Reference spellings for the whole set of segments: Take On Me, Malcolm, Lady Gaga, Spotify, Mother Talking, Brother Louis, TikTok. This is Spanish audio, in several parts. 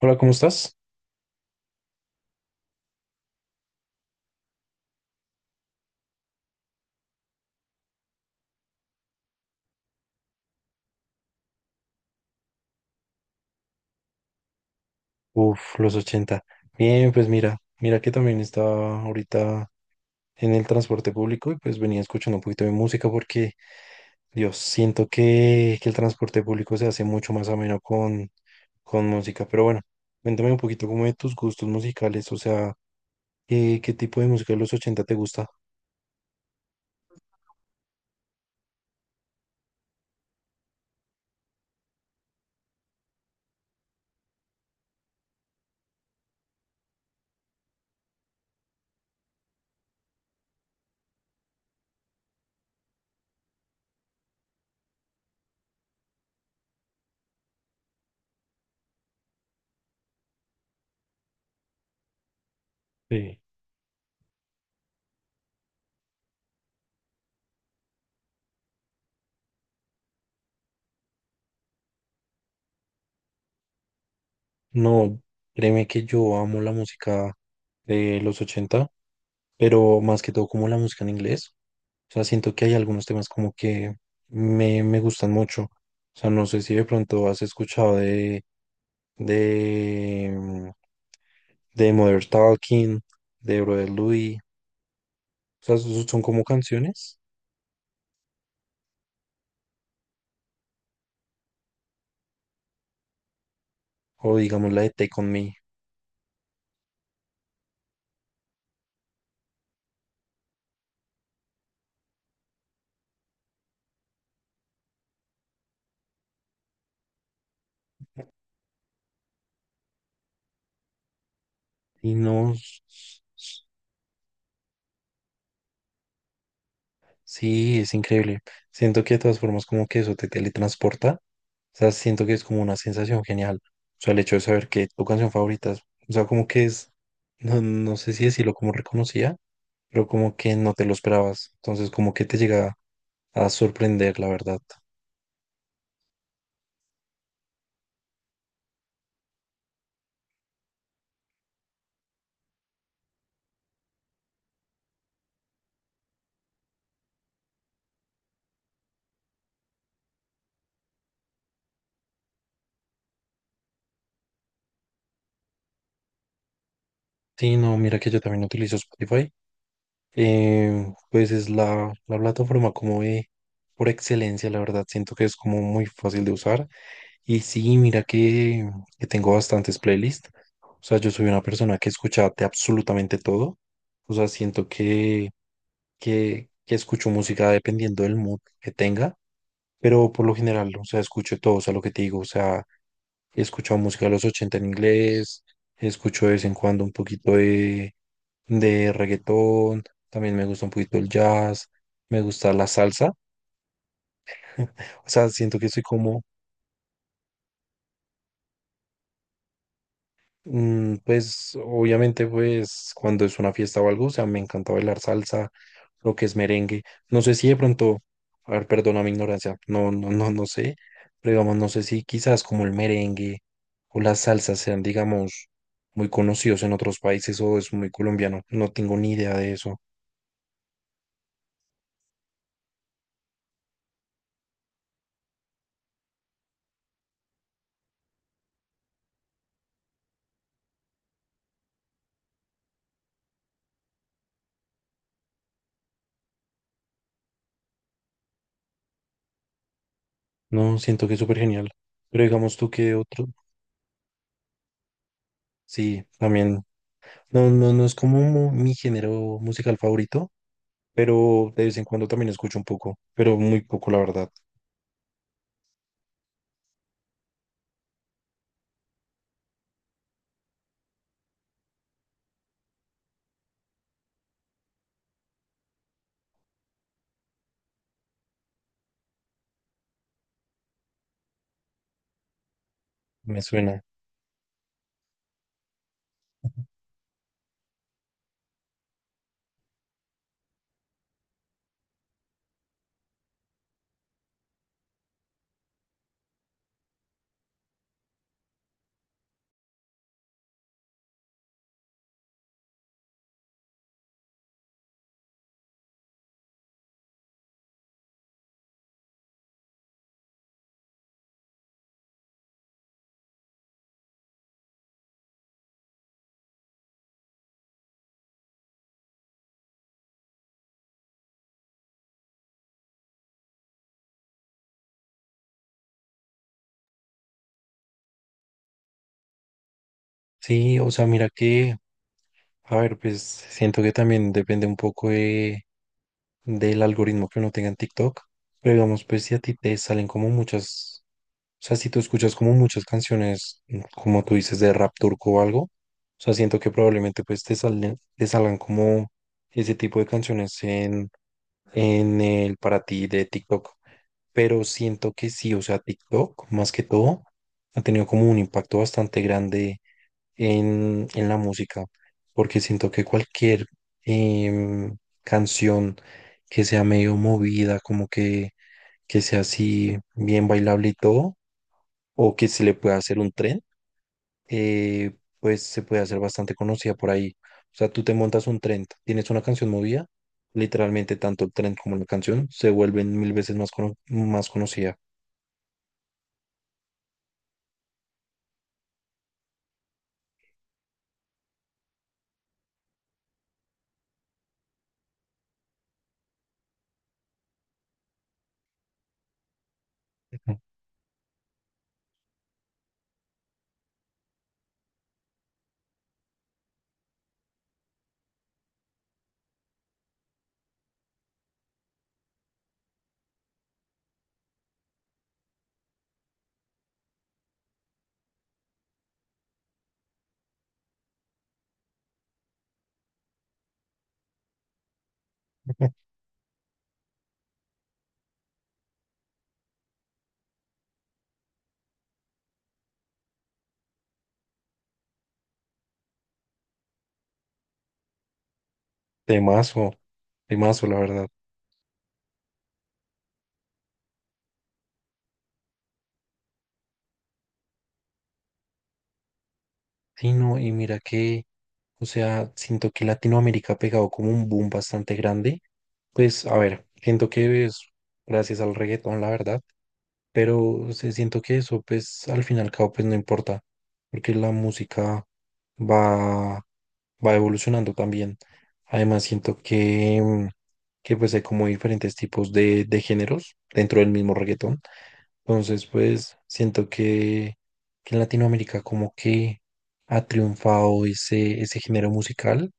Hola, ¿cómo estás? Uf, los 80. Bien, pues mira que también estaba ahorita en el transporte público y pues venía escuchando un poquito de música porque, Dios, siento que el transporte público se hace mucho más ameno con música. Pero bueno, cuéntame un poquito como de tus gustos musicales, o sea, ¿qué tipo de música de los ochenta te gusta? Sí, no, créeme que yo amo la música de los ochenta, pero más que todo como la música en inglés. O sea, siento que hay algunos temas como que me gustan mucho. O sea, no sé si de pronto has escuchado de, mm, de Mother Talking, de Brother Louis. O sea, son como canciones. O digamos la de Take On Me. Y no, sí, es increíble. Siento que de todas formas como que eso te teletransporta. O sea, siento que es como una sensación genial. O sea, el hecho de saber que tu canción favorita, o sea, como que es, no, no sé si decirlo como reconocía, pero como que no te lo esperabas. Entonces, como que te llega a sorprender, la verdad. Sí, no, mira que yo también utilizo Spotify. Pues es la plataforma como de, por excelencia, la verdad. Siento que es como muy fácil de usar. Y sí, mira que tengo bastantes playlists. O sea, yo soy una persona que escucha de absolutamente todo. O sea, siento que que escucho música dependiendo del mood que tenga, pero por lo general, o sea, escucho todo, o sea, lo que te digo, o sea, he escuchado música de los 80 en inglés, escucho de vez en cuando un poquito de reggaetón, también me gusta un poquito el jazz, me gusta la salsa, o sea, siento que soy como. Pues obviamente pues cuando es una fiesta o algo, o sea, me encanta bailar salsa, lo que es merengue. No sé si de pronto, a ver, perdona mi ignorancia, no, no, no, no sé, pero digamos, no sé si quizás como el merengue o las salsas sean, digamos, muy conocidos en otros países o es muy colombiano. No tengo ni idea de eso. No, siento que es súper genial. Pero digamos tú que otro, sí, también, no, no, no es como mi género musical favorito, pero de vez en cuando también escucho un poco, pero muy poco, la verdad, me suena. Sí, o sea, mira que, a ver, pues siento que también depende un poco del algoritmo que uno tenga en TikTok, pero digamos, pues si a ti te salen como muchas, o sea, si tú escuchas como muchas canciones, como tú dices, de rap turco o algo, o sea, siento que probablemente pues te salgan como ese tipo de canciones en el para ti de TikTok. Pero siento que sí, o sea, TikTok más que todo ha tenido como un impacto bastante grande en la música, porque siento que cualquier em, canción que sea medio movida, como que sea así bien bailable y todo, o que se le pueda hacer un tren, pues se puede hacer bastante conocida por ahí. O sea, tú te montas un tren, tienes una canción movida, literalmente tanto el tren como la canción se vuelven mil veces más, más conocida. Temazo, temazo, la verdad. Sí, no, y mira que, o sea, siento que Latinoamérica ha pegado como un boom bastante grande. Pues, a ver, siento que es gracias al reggaetón, la verdad, pero o sea, siento que eso, pues, al fin y al cabo, pues, no importa, porque la música va, va evolucionando también. Además, siento que, que pues, hay como diferentes tipos de géneros dentro del mismo reggaetón. Entonces, pues siento que en Latinoamérica como que ha triunfado ese género musical,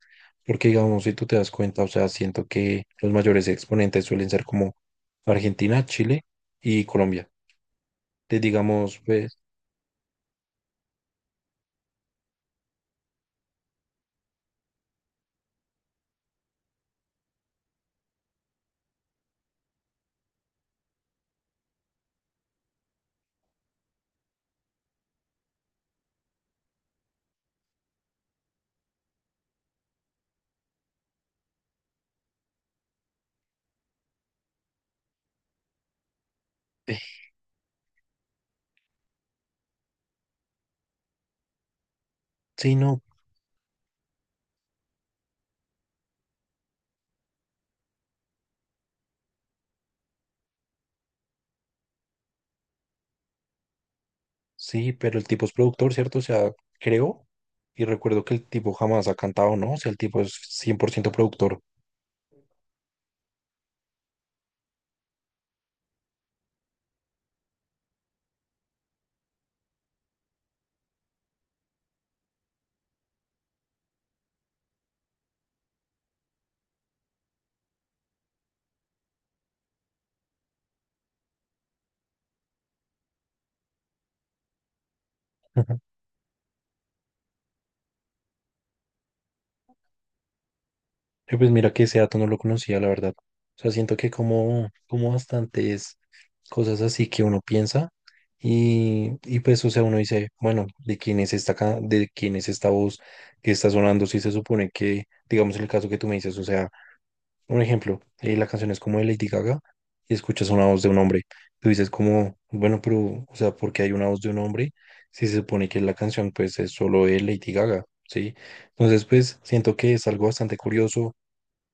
porque digamos, si tú te das cuenta, o sea, siento que los mayores exponentes suelen ser como Argentina, Chile y Colombia. Te digamos, pues, sí, no, sí, pero el tipo es productor, ¿cierto? O sea, creo y recuerdo que el tipo jamás ha cantado, ¿no? O sea, el tipo es 100% productor. Pues mira que ese dato no lo conocía, la verdad. O sea, siento que como, bastantes cosas así que uno piensa y pues, o sea, uno dice, bueno, ¿de quién es esta, de quién es esta voz que está sonando? Si se supone que, digamos, el caso que tú me dices, o sea, un ejemplo, la canción es como de Lady Gaga y escuchas una voz de un hombre. Tú dices como, bueno, pero, o sea, ¿por qué hay una voz de un hombre si se supone que la canción pues es solo de Lady Gaga? ¿Sí? Entonces, pues, siento que es algo bastante curioso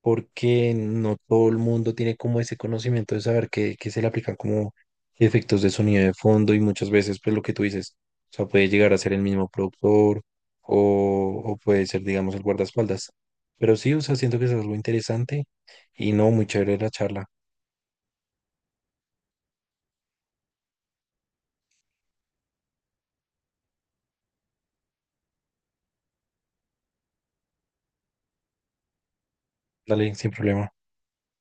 porque no todo el mundo tiene como ese conocimiento de saber que se le aplican como efectos de sonido de fondo y muchas veces pues lo que tú dices, o sea, puede llegar a ser el mismo productor o puede ser, digamos, el guardaespaldas. Pero sí, o sea, siento que es algo interesante y no, muy chévere la charla. Dale, sin problema.